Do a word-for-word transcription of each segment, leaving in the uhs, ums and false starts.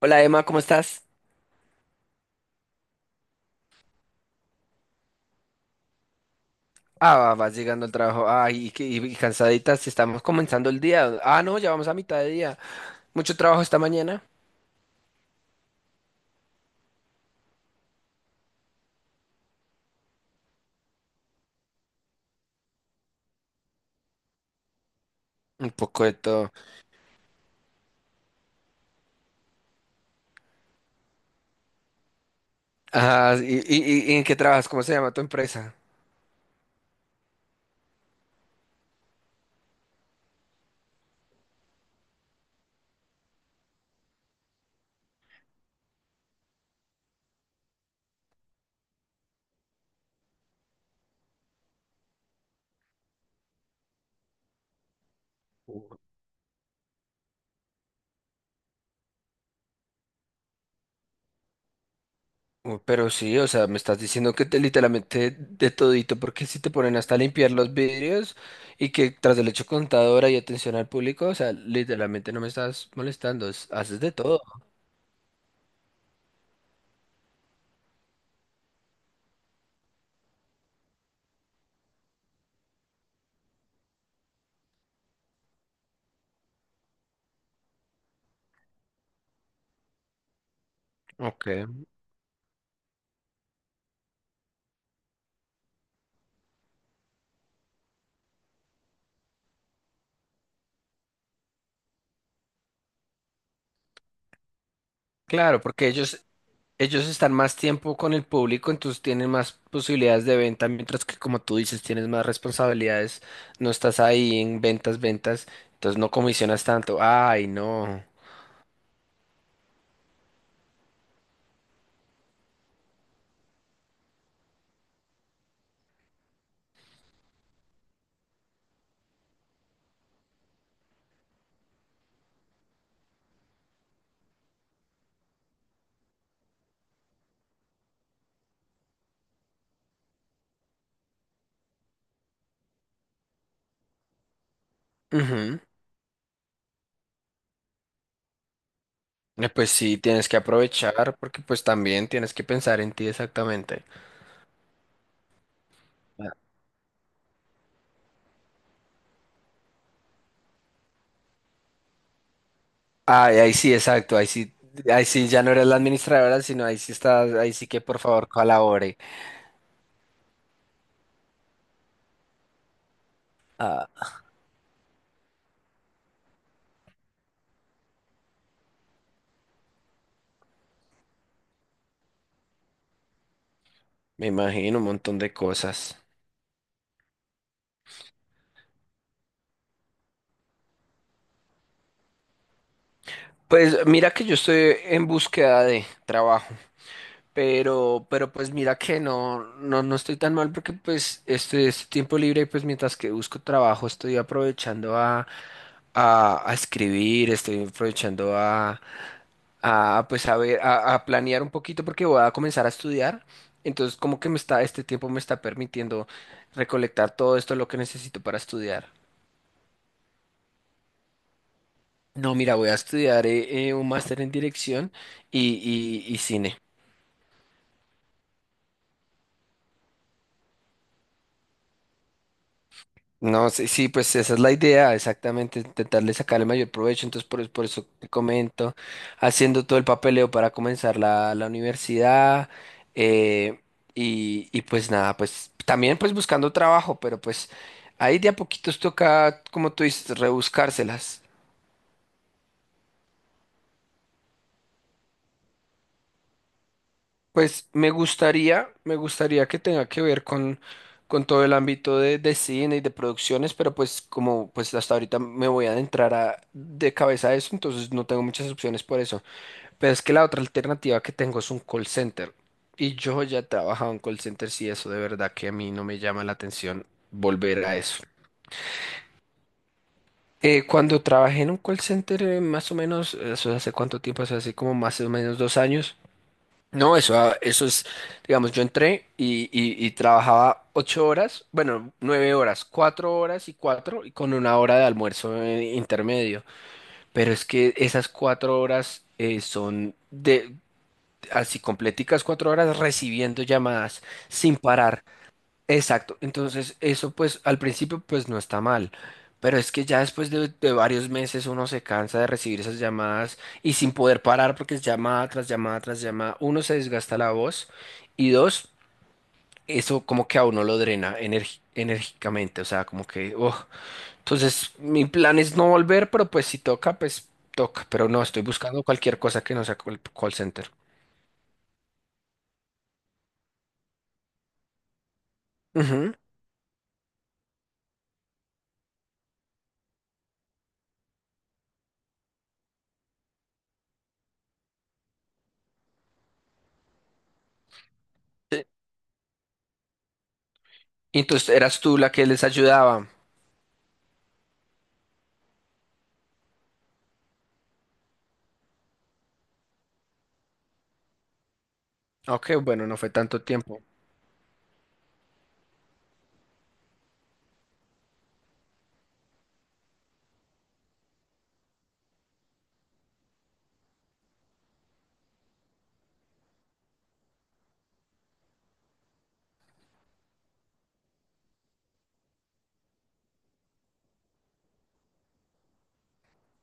Hola Emma, ¿cómo estás? Ah, vas llegando al trabajo. Ay, y, que- y cansaditas, estamos comenzando el día. Ah, no, ya vamos a mitad de día. Mucho trabajo esta mañana. Un poco de todo. Ah, ¿y, y- y ¿y en qué trabajas? ¿Cómo se llama tu empresa? Uy, pero sí, o sea, me estás diciendo que te literalmente de todito, porque si te ponen hasta a limpiar los vidrios y que tras el hecho contadora y atención al público, o sea, literalmente no me estás molestando, es- haces de todo. Ok. Claro, porque ellos, Ellos están más tiempo con el público, entonces tienen más posibilidades de venta, mientras que como tú dices, tienes más responsabilidades, no estás ahí en ventas, ventas, entonces no comisionas tanto. Ay, no. Ujú. Eh, Pues sí, tienes que aprovechar porque pues también tienes que pensar en ti exactamente. Ay, ahí sí, exacto, ahí sí, ahí sí ya no eres la administradora, sino ahí sí estás, ahí sí que por favor colabore. Ah, me imagino un montón de cosas. Pues mira que yo estoy en búsqueda de trabajo. Pero, pero pues mira que no, no, no estoy tan mal porque pues este, este tiempo libre, pues mientras que busco trabajo, estoy aprovechando a, a, a escribir, estoy aprovechando a, a pues a ver, a, a planear un poquito porque voy a comenzar a estudiar. Entonces, como que me está, este tiempo me está permitiendo recolectar todo esto lo que necesito para estudiar. No, mira, voy a estudiar eh, eh, un máster en dirección y, y y cine. No, sí, sí, pues esa es la idea, exactamente, intentarle sacar el mayor provecho, entonces por, es- por eso te comento, haciendo todo el papeleo para comenzar la, la universidad, eh, y, y pues nada, pues también pues buscando trabajo, pero pues ahí de a poquitos toca, como tú dices, rebuscárselas. Pues me gustaría, me gustaría que tenga que ver con, con todo el ámbito de, de cine y de producciones, pero pues como pues hasta ahorita me voy a adentrar a- de cabeza a eso, entonces no tengo muchas opciones por eso. Pero es que la otra alternativa que tengo es un call center. Y yo ya he trabajado en call centers y eso de verdad que a mí no me llama la atención volver a eso. Eh, cuando trabajé en un call center, eh, más o menos, eso hace cuánto tiempo, eso hace como más o menos dos años. No, eso, ah, eso es, digamos, yo entré y, y- y trabajaba ocho horas, bueno, nueve horas, cuatro horas y cuatro, y con una hora de almuerzo eh, intermedio. Pero es que esas cuatro horas eh, son de así completicas cuatro horas recibiendo llamadas sin parar. Exacto, entonces eso pues al principio pues no está mal, pero es que ya después de, de varios meses uno se cansa de recibir esas llamadas y sin poder parar porque es llamada tras llamada tras llamada, uno se desgasta la voz y dos, eso como que a uno lo drena energi- enérgicamente, o sea, como que, oh, entonces mi plan es no volver, pero pues si toca, pues toca, pero no, estoy buscando cualquier cosa que no sea call, call center. Ujú. Y entonces eras tú la que les ayudaba. Ok, bueno, no fue tanto tiempo.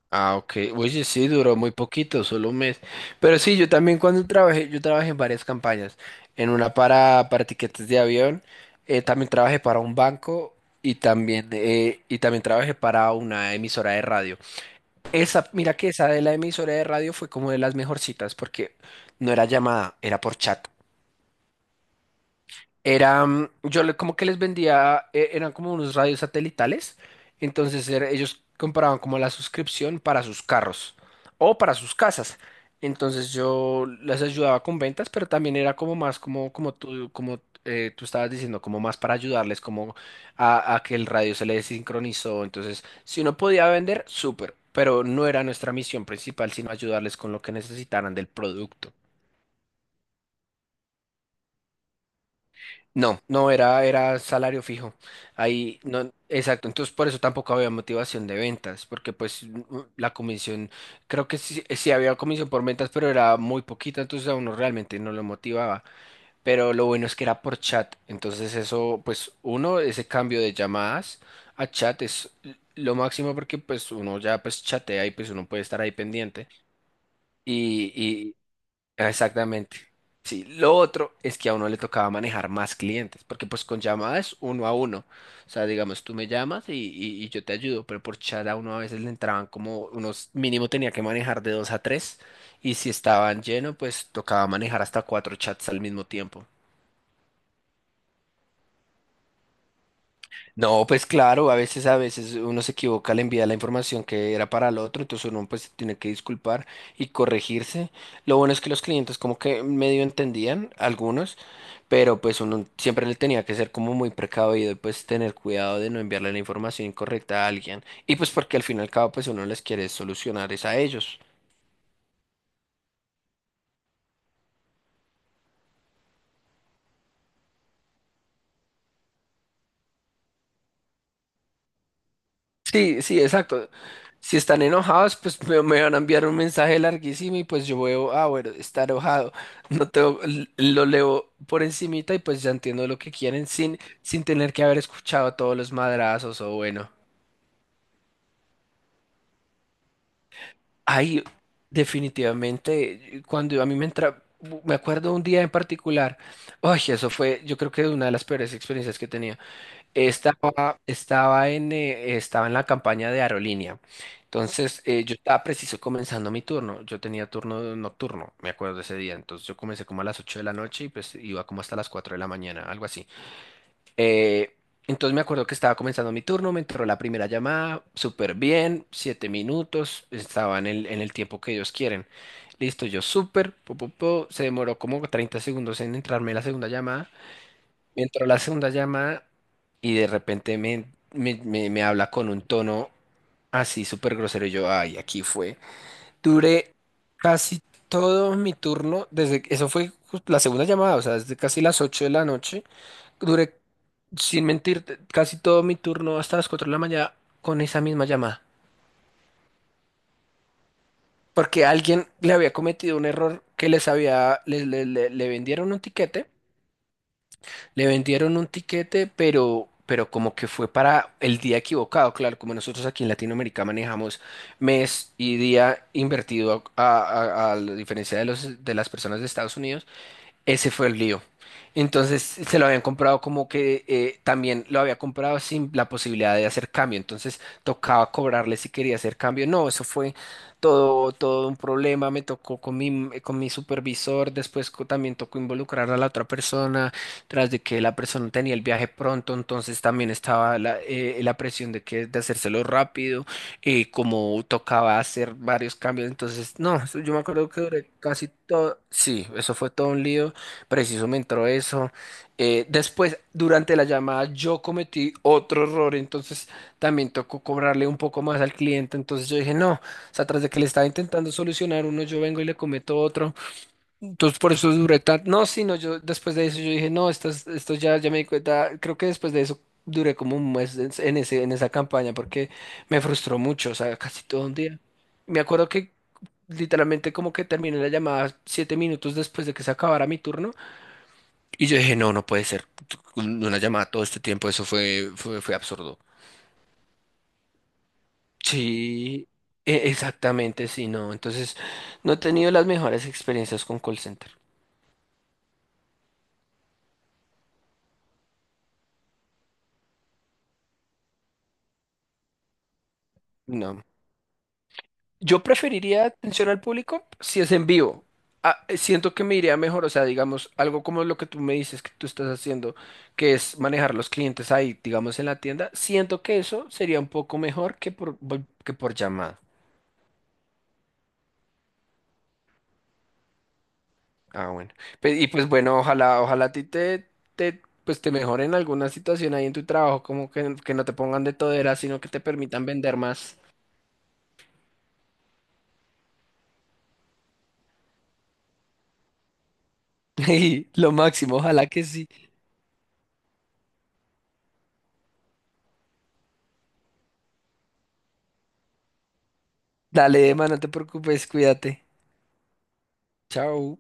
Ah, ok. Oye, sí, duró muy poquito, solo un mes. Pero sí, yo también cuando trabajé, yo trabajé en varias campañas. En una para, para tiquetes de avión, eh, también trabajé para un banco y también, eh, y también trabajé para una emisora de radio. Esa, mira que esa de la emisora de radio fue como de las mejorcitas porque no era llamada, era por chat. Era, mm, yo le- Como que les vendía, eh, eran como unos radios satelitales, entonces era- ellos compraban como la suscripción para sus carros o para sus casas. Entonces yo les ayudaba con ventas, pero también era como más como, como tú, como eh, tú estabas diciendo, como más para ayudarles, como a, a que el radio se les sincronizó. Entonces, si uno podía vender, súper, pero no era nuestra misión principal, sino ayudarles con lo que necesitaran del producto. No, no, era, era salario fijo. Ahí, no, exacto. Entonces, por eso tampoco había motivación de ventas, porque pues mm, la comisión, creo que sí, sí había comisión por ventas, pero era muy poquita, entonces a uno realmente no lo motivaba. Pero lo bueno es que era por chat. Entonces, eso, pues, uno, ese cambio de llamadas a chat es lo máximo porque pues uno ya pues chatea y pues uno puede estar ahí pendiente. Y, Exactamente. Sí, lo otro es que a uno le tocaba manejar más clientes, porque pues con llamadas uno a uno. O sea, digamos, tú me llamas y, y- y yo te ayudo, pero por chat a uno a veces le entraban como unos, mínimo tenía que manejar de dos a tres, y si estaban lleno, pues tocaba manejar hasta cuatro chats al mismo tiempo. No, pues claro, a veces, a veces uno se equivoca, le envía la información que era para el otro, entonces uno pues tiene que disculpar y corregirse. Lo bueno es que los clientes como que medio entendían, algunos, pero pues uno siempre le tenía que ser como muy precavido y pues tener cuidado de no enviarle la información incorrecta a alguien. Y pues porque al fin y al cabo pues uno les quiere solucionar es a ellos. Sí, sí, exacto. Si están enojados, pues me, me van a enviar un mensaje larguísimo y pues yo veo, ah, bueno, está enojado. No tengo, l- Lo leo por encimita y pues ya entiendo lo que quieren sin, sin tener que haber escuchado todos los madrazos o bueno. Ahí, definitivamente, cuando a mí me entra, me acuerdo un día en particular, ay, eso fue, yo creo que una de las peores experiencias que tenía. Estaba, estaba en, eh, estaba en la campaña de aerolínea. Entonces, eh, yo estaba preciso comenzando mi turno. Yo tenía turno nocturno, me acuerdo de ese día. Entonces, yo comencé como a las ocho de la noche y pues iba como hasta las cuatro de la mañana, algo así. Eh, entonces, me acuerdo que estaba comenzando mi turno, me entró la primera llamada, súper bien, siete minutos, estaba en el, en el, tiempo que ellos quieren. Listo, yo súper, po, po, po, se demoró como treinta segundos en entrarme la segunda llamada. Me entró la segunda llamada y de repente me, me, me- me habla con un tono así súper grosero. Y yo, ay, aquí fue. Duré casi todo mi turno, desde eso fue jus- la segunda llamada, o sea, desde casi las ocho de la noche. Duré, sin mentir, casi todo mi turno hasta las cuatro de la mañana con esa misma llamada. Porque alguien le había cometido un error que les había, le, le le- le vendieron un tiquete. Le vendieron un tiquete, pero, pero como que fue para el día equivocado. Claro, como nosotros aquí en Latinoamérica manejamos mes y día invertido a, a- a- a la diferencia de los, de las personas de Estados Unidos, ese fue el lío. Entonces se lo habían comprado como que eh, también lo había comprado sin la posibilidad de hacer cambio. Entonces tocaba cobrarle si quería hacer cambio. No, eso fue todo, todo un problema. Me tocó con mi, con mi supervisor. Después co- también tocó involucrar a la otra persona, tras de que la persona tenía el viaje pronto. Entonces también estaba la, eh, la presión de que de hacérselo rápido. Eh, como tocaba hacer varios cambios. Entonces, no, eso- yo me acuerdo que duré casi todo. Sí, eso fue todo un lío. Preciso me entró eso. Eh, después, durante la llamada, yo cometí otro error, entonces también tocó cobrarle un poco más al cliente. Entonces yo dije, no, o sea, tras de que le estaba intentando solucionar uno, yo vengo y le cometo otro. Entonces por eso duré tanto. No, sino yo después de eso yo dije, no, esto, es- esto ya, ya, me di cuenta. Creo que después de eso duré como un mes en en ese, en esa campaña porque me frustró mucho, o sea, casi todo un día. Me acuerdo que literalmente como que terminé la llamada siete minutos después de que se acabara mi turno. Y yo dije, no, no puede ser. Una llamada todo este tiempo, eso fue, fue, fue absurdo. Sí, e- exactamente, sí, no. Entonces, no he tenido las mejores experiencias con call center. No. Yo preferiría atención al público si es en vivo. Ah, eh, siento que me iría mejor, o sea, digamos, algo como lo que tú me dices que tú estás haciendo, que es manejar los clientes ahí, digamos, en la tienda. Siento que eso sería un poco mejor que por, vol- que por llamada. Ah, bueno. Pe- y pues bueno, ojalá, ojalá a ti te, te, pues te mejoren alguna situación ahí en tu trabajo, como que, que no te pongan de todera, sino que te permitan vender más. Y lo máximo, ojalá que sí. Dale, Emma, no te preocupes, cuídate. Chao.